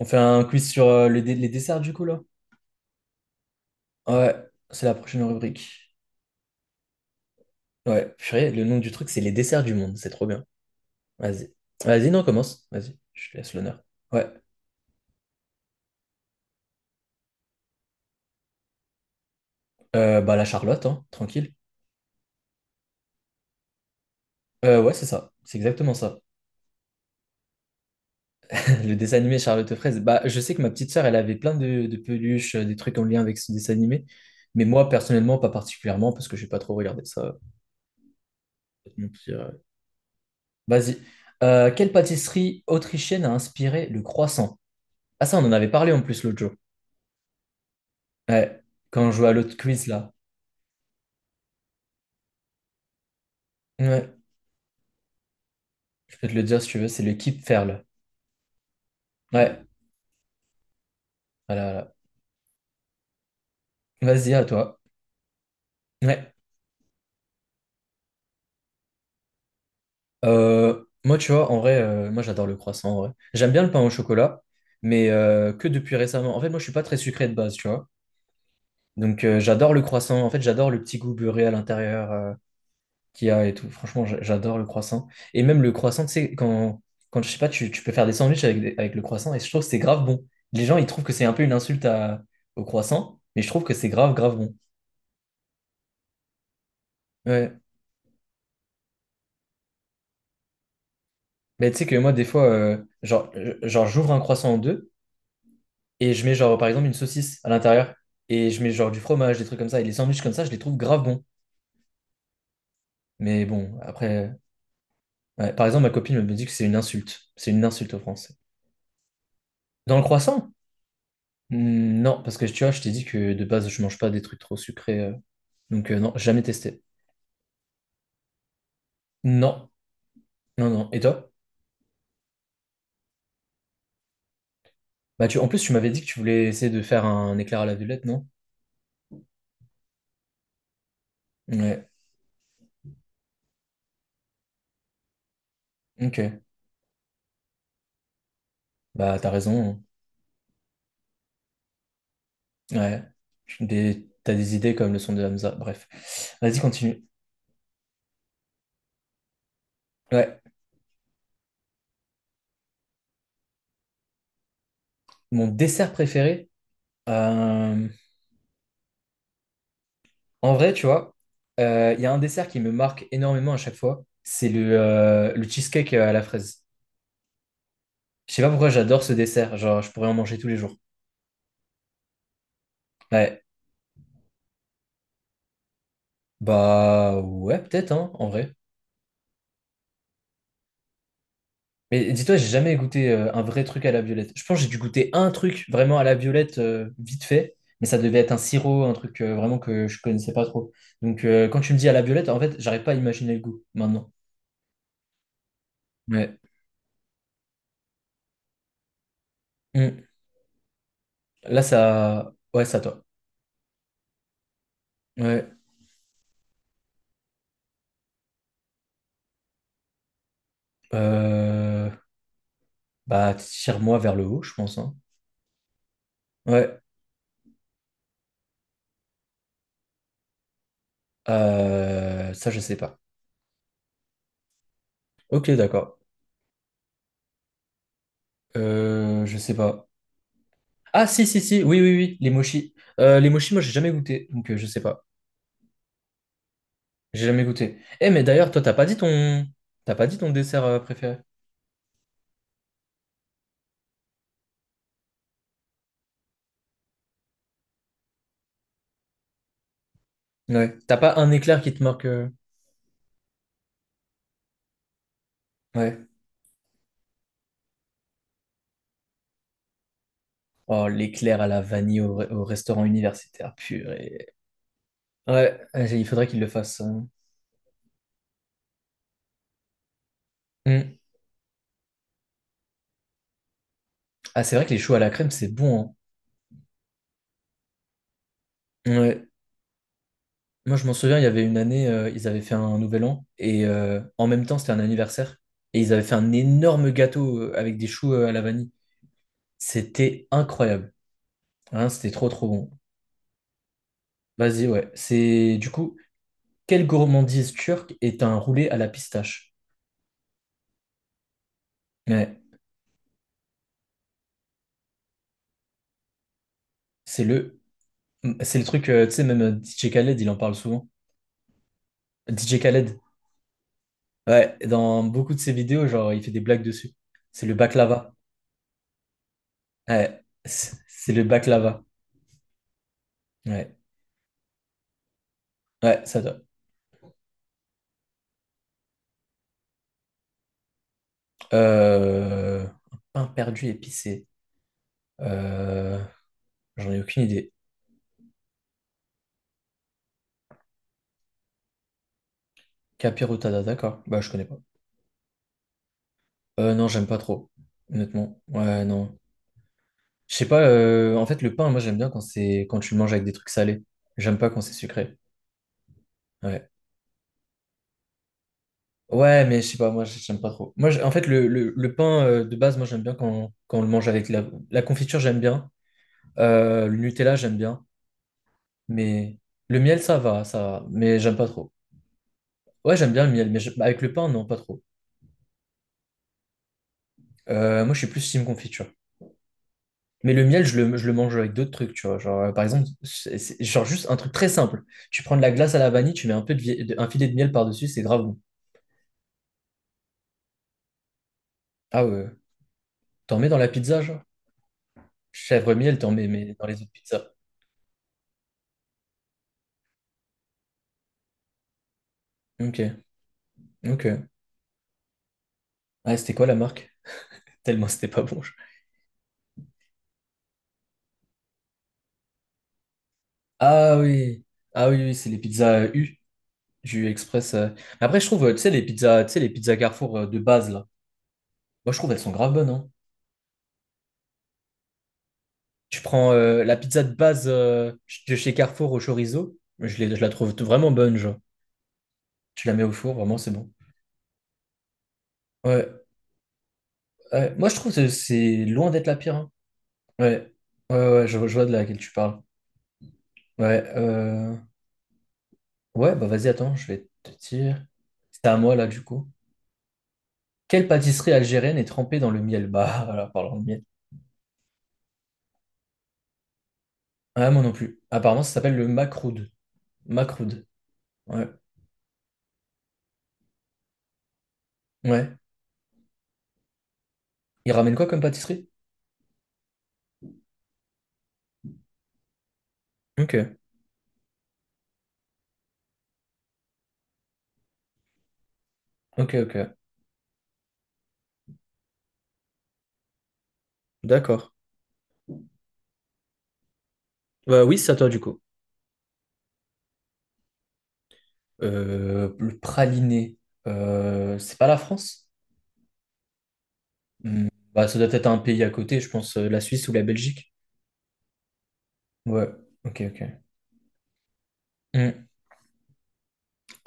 On fait un quiz sur les desserts du coup là? Ouais, c'est la prochaine rubrique. Ouais, purée, le nom du truc c'est les desserts du monde, c'est trop bien. Vas-y. Vas-y, non, commence. Vas-y, je te laisse l'honneur. Ouais. Bah la Charlotte, hein, tranquille. Ouais, c'est ça. C'est exactement ça. Le dessin animé Charlotte aux fraises. Bah, je sais que ma petite sœur, elle avait plein de peluches, des trucs en lien avec ce dessin animé. Mais moi, personnellement, pas particulièrement, parce que j'ai pas trop regardé ça. Pour te mentir, Vas-y. Quelle pâtisserie autrichienne a inspiré le croissant? Ah ça, on en avait parlé en plus l'autre jour. Ouais, quand on joue à l'autre quiz là. Ouais, je peux te le dire si tu veux, c'est le Keep Ferl. Ouais, voilà, voilà. Vas-y, à toi. Ouais. Moi, tu vois, en vrai, moi j'adore le croissant, en vrai. J'aime bien le pain au chocolat, mais que depuis récemment. En fait, moi, je suis pas très sucré de base, tu vois. Donc, j'adore le croissant. En fait, j'adore le petit goût beurré à l'intérieur. Qu'il y a et tout. Franchement, j'adore le croissant. Et même le croissant, tu sais, quand je sais pas, tu peux faire des sandwichs avec, avec le croissant et je trouve que c'est grave bon. Les gens, ils trouvent que c'est un peu une insulte au croissant, mais je trouve que c'est grave, grave bon. Ouais. Mais tu sais que moi, des fois, genre, genre j'ouvre un croissant en deux et je mets, genre, par exemple, une saucisse à l'intérieur et je mets, genre, du fromage, des trucs comme ça. Et les sandwichs comme ça, je les trouve grave bons. Mais bon, après, ouais. Par exemple, ma copine me dit que c'est une insulte. C'est une insulte aux Français. Dans le croissant? Non, parce que tu vois, je t'ai dit que de base, je mange pas des trucs trop sucrés. Donc, non, jamais testé. Non, non, non. Et toi? Bah, tu... En plus, tu m'avais dit que tu voulais essayer de faire un éclair à la violette, non? Ouais, ok. Bah, t'as raison. Hein. Ouais. T'as des idées comme le son de Hamza. Bref. Vas-y, continue. Ouais. Mon dessert préféré? euh, En vrai, tu vois, il y a un dessert qui me marque énormément à chaque fois. C'est le cheesecake à la fraise. Je sais pas pourquoi j'adore ce dessert. Genre, je pourrais en manger tous les jours. Ouais. Bah ouais, peut-être, hein, en vrai. Mais dis-toi, j'ai jamais goûté un vrai truc à la violette. Je pense que j'ai dû goûter un truc vraiment à la violette, vite fait, mais ça devait être un sirop, un truc vraiment que je connaissais pas trop. Donc quand tu me dis à la violette, en fait, j'arrive pas à imaginer le goût maintenant. Ouais. Hmm. Là, ça... Ouais, ça toi. Ouais. Euh, Bah, tire-moi vers le haut, je pense, hein. Ouais. Ça, je sais pas. Ok, d'accord. Je sais pas. Ah si si si oui oui oui les mochis. Les mochis moi j'ai jamais goûté donc je sais pas. J'ai jamais goûté, eh mais d'ailleurs toi t'as pas dit ton dessert préféré. Ouais, t'as pas un éclair qui te marque ouais. Oh l'éclair à la vanille au restaurant universitaire purée, ouais il faudrait qu'il le fasse. Hmm. Ah c'est vrai que les choux à la crème c'est bon. Hein. Ouais, moi je m'en souviens il y avait une année ils avaient fait un nouvel an et en même temps c'était un anniversaire et ils avaient fait un énorme gâteau avec des choux à la vanille, c'était incroyable. Hein, c'était trop trop bon. Vas-y, ouais. C'est du coup, quelle gourmandise turque est un roulé à la pistache? Ouais, c'est le, c'est le truc, tu sais, même DJ Khaled, il en parle souvent. DJ Khaled, ouais, dans beaucoup de ses vidéos, genre, il fait des blagues dessus. C'est le baklava. Ouais, c'est le baklava. Ouais, ouais, ça doit. Un pain perdu épicé. Euh, J'en ai aucune idée. Capirotada, d'accord. Bah, je connais pas. Non, j'aime pas trop, honnêtement. Ouais, non. Je sais pas, en fait, le pain, moi, j'aime bien quand c'est quand tu le manges avec des trucs salés. J'aime pas quand c'est sucré. Ouais. Ouais, mais je sais pas, moi, j'aime pas trop. Moi, en fait, le pain de base, moi, j'aime bien quand, quand on le mange avec la confiture, j'aime bien. Le Nutella, j'aime bien. Mais le miel, ça va, ça va. Mais j'aime pas trop. Ouais, j'aime bien le miel, mais avec le pain, non, pas trop. Moi, je suis plus team confiture. Mais le miel, je le mange avec d'autres trucs, tu vois. Genre, par exemple, genre juste un truc très simple. Tu prends de la glace à la vanille, tu mets un peu un filet de miel par-dessus, c'est grave bon. Ah ouais. T'en mets dans la pizza, genre? Chèvre miel, t'en mets, mais dans les autres pizzas. Ok, ok. Ah, c'était quoi la marque? Tellement c'était pas bon. Ah oui. Ah oui, oui, c'est les pizzas U, du Express. Mais après, je trouve, tu sais, les pizzas Carrefour de base, là. Moi, je trouve elles sont grave bonnes, hein. Tu prends la pizza de base de chez Carrefour au chorizo, je la trouve vraiment bonne, genre. Tu la mets au four, vraiment, c'est bon. Ouais, ouais. Moi, je trouve que c'est loin d'être la pire, hein. Ouais, ouais, ouais, je vois de laquelle tu parles. Ouais, ouais, bah vas-y, attends, je vais te dire. C'est à moi là, du coup. Quelle pâtisserie algérienne est trempée dans le miel? Bah, voilà, parlant de miel. Ah, moi non plus. Apparemment, ça s'appelle le makroud. Makroud. Ouais. Ouais. Il ramène quoi comme pâtisserie? Ok. Ok, ok. D'accord. Bah oui, c'est à toi, du coup. Le praliné. C'est pas la France? Hmm. Bah, ça doit être un pays à côté, je pense, la Suisse ou la Belgique. Ouais. Ok, ok. Hmm.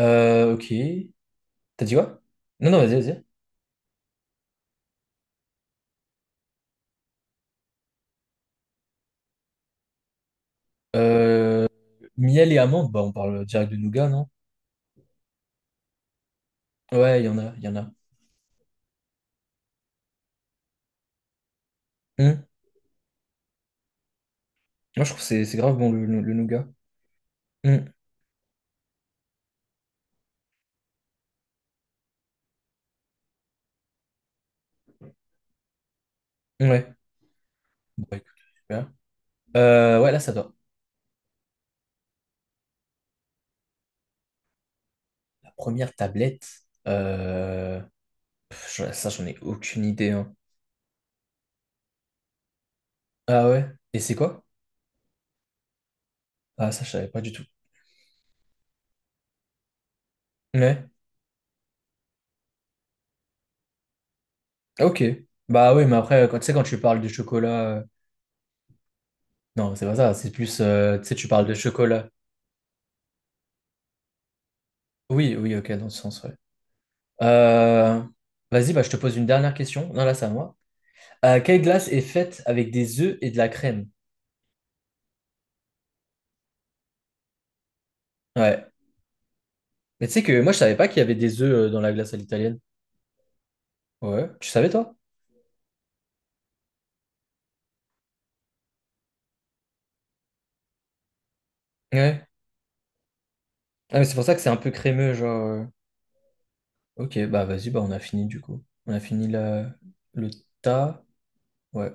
Ok. T'as dit quoi? Non, non, vas-y, vas-y. Euh, Miel et amande, bah on parle direct de nougat, non? Ouais, il y en a. Hum. Moi, je trouve que c'est grave bon le nougat. Hum. Ouais. Bon, bah, écoute, super. Ouais, là, ça doit. La première tablette. euh, Pff, ça, j'en ai aucune idée. Hein. Ah ouais? Et c'est quoi? Ah, ça, je savais pas du tout. Ouais. Ah, ok. Bah oui, mais après, quand, tu sais, quand tu parles de chocolat. Non, c'est pas ça. C'est plus. Tu sais, tu parles de chocolat. Oui, oui, ok, dans ce sens, ouais. Euh, Vas-y, bah, je te pose une dernière question. Non, là, c'est à moi. Quelle glace est faite avec des œufs et de la crème? Ouais. Mais tu sais que moi, je savais pas qu'il y avait des œufs dans la glace à l'italienne. Ouais. Tu savais, toi? Ouais. Ah, mais c'est pour ça que c'est un peu crémeux, genre. Ok, bah vas-y, bah on a fini du coup. On a fini la... le tas. Ouais.